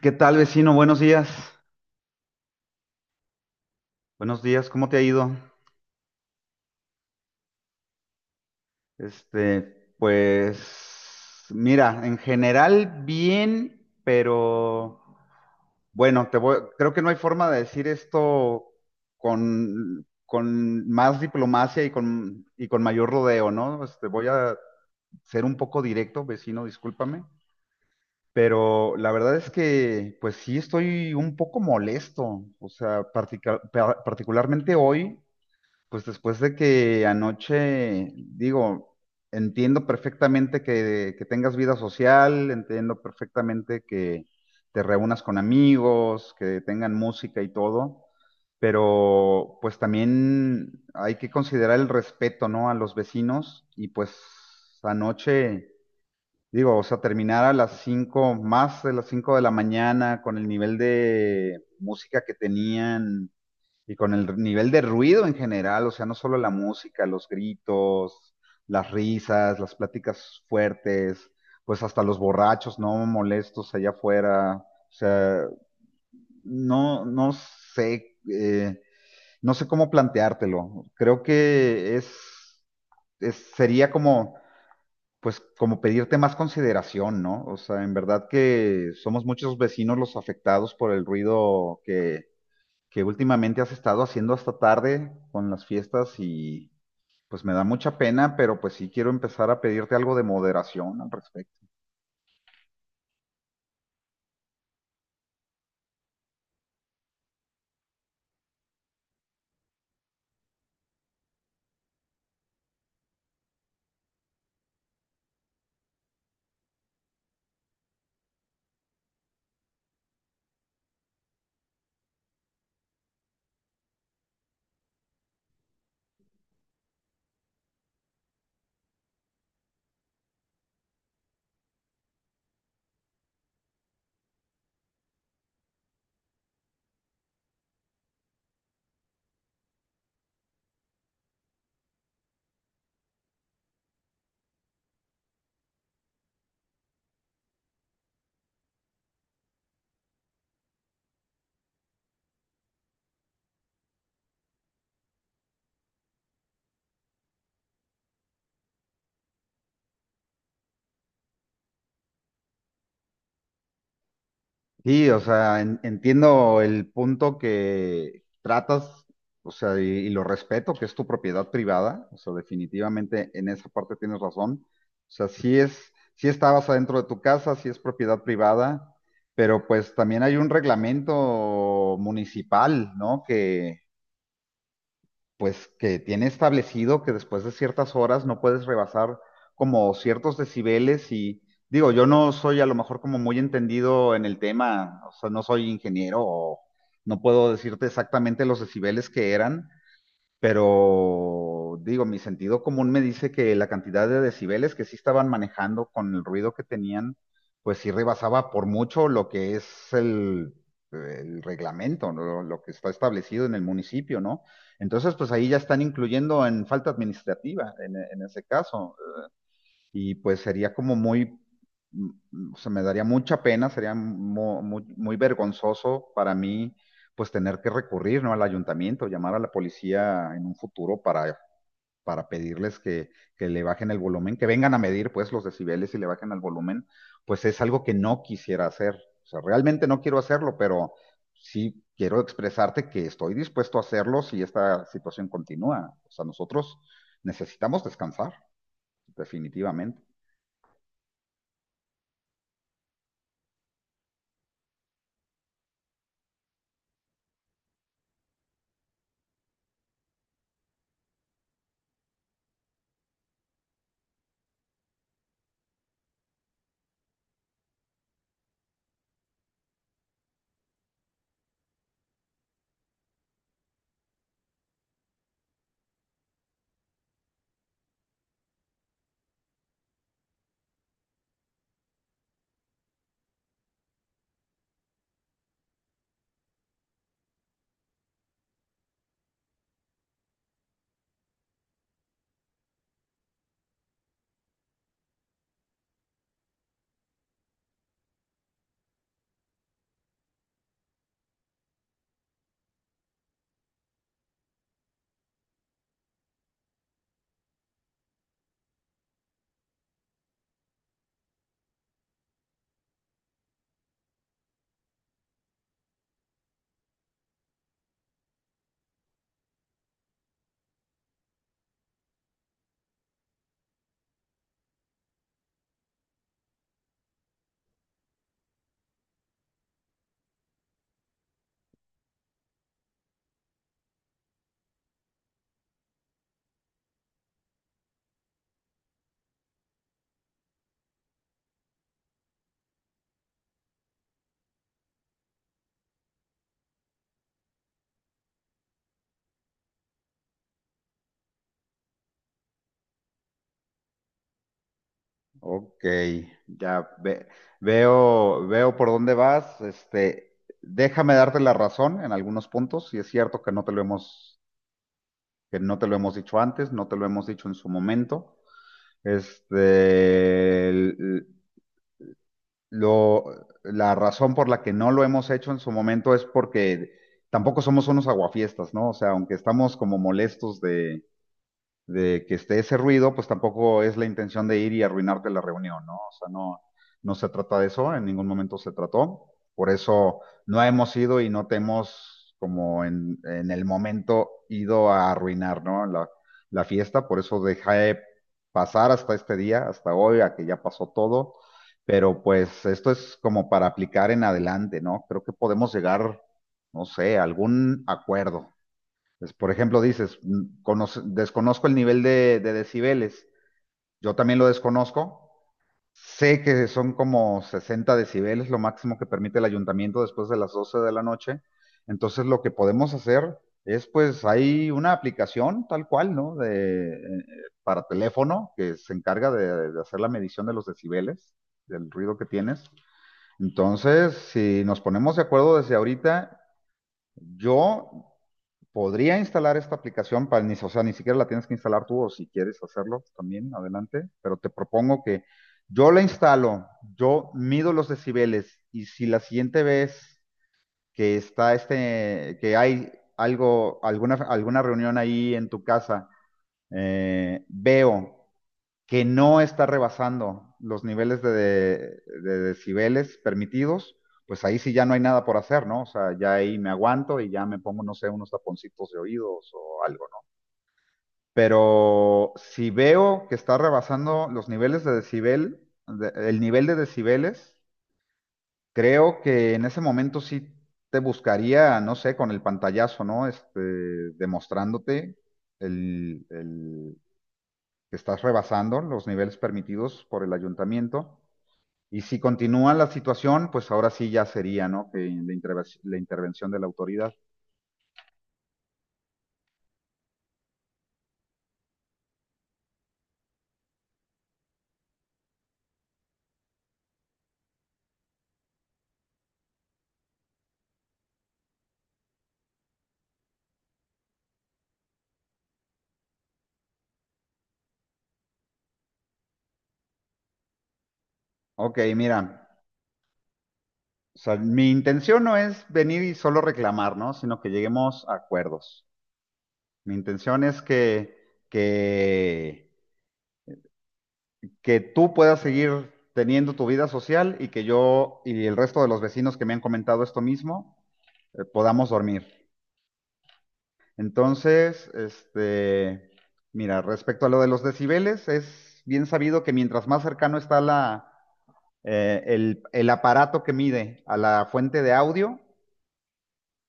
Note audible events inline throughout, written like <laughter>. ¿Qué tal, vecino? Buenos días. Buenos días, ¿cómo te ha ido? Pues, mira, en general bien, pero bueno, creo que no hay forma de decir esto con más diplomacia y con mayor rodeo, ¿no? Voy a ser un poco directo, vecino, discúlpame, pero la verdad es que, pues sí, estoy un poco molesto, o sea, particularmente hoy. Pues después de que anoche, digo, entiendo perfectamente que tengas vida social, entiendo perfectamente que te reúnas con amigos, que tengan música y todo, pero pues también hay que considerar el respeto, ¿no? A los vecinos y pues anoche, digo, o sea, terminar a las cinco, más de las cinco de la mañana con el nivel de música que tenían y con el nivel de ruido en general, o sea, no solo la música, los gritos, las risas, las pláticas fuertes, pues hasta los borrachos no molestos allá afuera. O sea, no, no sé, no sé cómo planteártelo. Creo que sería como, pues, como pedirte más consideración, ¿no? O sea, en verdad que somos muchos vecinos los afectados por el ruido que últimamente has estado haciendo hasta tarde con las fiestas y pues me da mucha pena, pero pues sí quiero empezar a pedirte algo de moderación al respecto. Sí, o sea, entiendo el punto que tratas, o sea, y lo respeto, que es tu propiedad privada, o sea, definitivamente en esa parte tienes razón. O sea, sí estabas adentro de tu casa, sí es propiedad privada, pero pues también hay un reglamento municipal, ¿no? Pues que tiene establecido que después de ciertas horas no puedes rebasar como ciertos decibeles y digo, yo no soy a lo mejor como muy entendido en el tema, o sea, no soy ingeniero o no puedo decirte exactamente los decibeles que eran, pero digo, mi sentido común me dice que la cantidad de decibeles que sí estaban manejando con el ruido que tenían, pues sí rebasaba por mucho lo que es el, el reglamento, ¿no? Lo que está establecido en el municipio, ¿no? Entonces, pues ahí ya están incluyendo en falta administrativa, en ese caso y pues sería como muy, o sea, me daría mucha pena, sería muy, muy vergonzoso para mí, pues tener que recurrir, ¿no? Al ayuntamiento, llamar a la policía en un futuro para pedirles que le bajen el volumen, que vengan a medir, pues, los decibeles y le bajen el volumen, pues es algo que no quisiera hacer. O sea, realmente no quiero hacerlo, pero sí quiero expresarte que estoy dispuesto a hacerlo si esta situación continúa. O sea, nosotros necesitamos descansar, definitivamente. Ok, ya ve- veo, veo por dónde vas. Déjame darte la razón en algunos puntos. Y es cierto que no te lo hemos, que no te lo hemos dicho antes, no te lo hemos dicho en su momento. Este, el- lo, la razón por la que no lo hemos hecho en su momento es porque tampoco somos unos aguafiestas, ¿no? O sea, aunque estamos como molestos de que esté ese ruido, pues tampoco es la intención de ir y arruinarte la reunión, ¿no? O sea, no, no se trata de eso, en ningún momento se trató. Por eso no hemos ido y no te hemos, en el momento, ido a arruinar, ¿no? La fiesta, por eso dejé pasar hasta este día, hasta hoy, a que ya pasó todo. Pero pues esto es como para aplicar en adelante, ¿no? Creo que podemos llegar, no sé, a algún acuerdo. Pues, por ejemplo, dices, desconozco el nivel de decibeles. Yo también lo desconozco. Sé que son como 60 decibeles, lo máximo que permite el ayuntamiento después de las 12 de la noche. Entonces, lo que podemos hacer es, pues, hay una aplicación tal cual, ¿no? Para teléfono que se encarga de hacer la medición de los decibeles, del ruido que tienes. Entonces, si nos ponemos de acuerdo desde ahorita yo podría instalar esta aplicación para ni, o sea, ni siquiera la tienes que instalar tú o si quieres hacerlo también, adelante, pero te propongo que yo la instalo, yo mido los decibeles y si la siguiente vez que está este, que hay algo, alguna reunión ahí en tu casa, veo que no está rebasando los niveles de decibeles permitidos, pues ahí sí ya no hay nada por hacer, ¿no? O sea, ya ahí me aguanto y ya me pongo, no sé, unos taponcitos de oídos o algo, ¿no? Pero si veo que está rebasando los niveles de decibel, el nivel de decibeles, creo que en ese momento sí te buscaría, no sé, con el pantallazo, ¿no? Este, demostrándote el que estás rebasando los niveles permitidos por el ayuntamiento. Y si continúa la situación, pues ahora sí ya sería, ¿no? Que la intervención de la autoridad. Ok, mira, o sea, mi intención no es venir y solo reclamar, ¿no? Sino que lleguemos a acuerdos. Mi intención es que, que tú puedas seguir teniendo tu vida social y que yo y el resto de los vecinos que me han comentado esto mismo podamos dormir. Entonces, mira, respecto a lo de los decibeles, es bien sabido que mientras más cercano está el aparato que mide a la fuente de audio,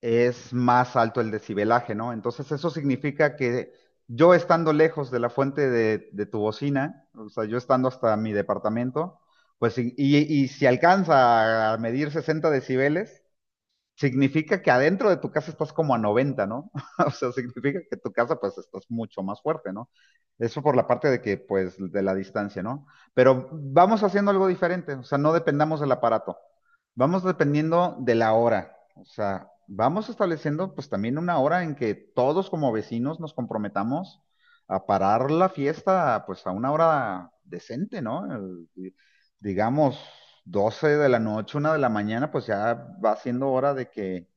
es más alto el decibelaje, ¿no? Entonces, eso significa que yo estando lejos de la fuente de tu bocina, o sea, yo estando hasta mi departamento, pues, y si alcanza a medir 60 decibeles, significa que adentro de tu casa estás como a 90, ¿no? <laughs> O sea, significa que tu casa pues estás mucho más fuerte, ¿no? Eso por la parte de que pues de la distancia, ¿no? Pero vamos haciendo algo diferente, o sea, no dependamos del aparato, vamos dependiendo de la hora, o sea, vamos estableciendo pues también una hora en que todos como vecinos nos comprometamos a parar la fiesta pues a una hora decente, ¿no? Digamos, 12 de la noche, una de la mañana, pues ya va siendo hora de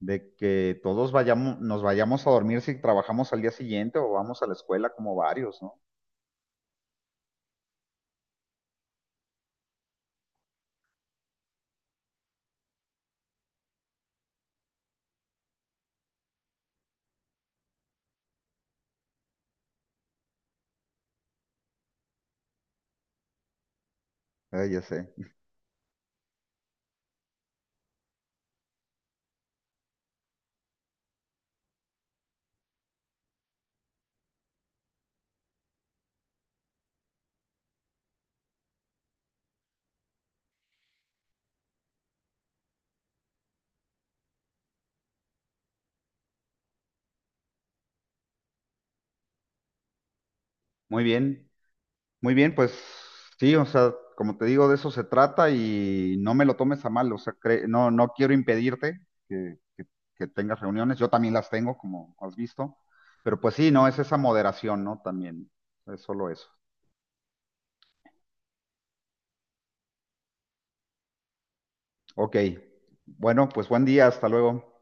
de que todos nos vayamos a dormir si trabajamos al día siguiente o vamos a la escuela como varios, ¿no? Ya sé. Muy bien, muy bien, pues sí, o sea, como te digo, de eso se trata y no me lo tomes a mal, o sea, no, no quiero impedirte que, que- que tengas reuniones, yo también las tengo, como has visto, pero pues sí, no, es esa moderación, ¿no? También, es solo eso. Ok. Bueno, pues buen día, hasta luego.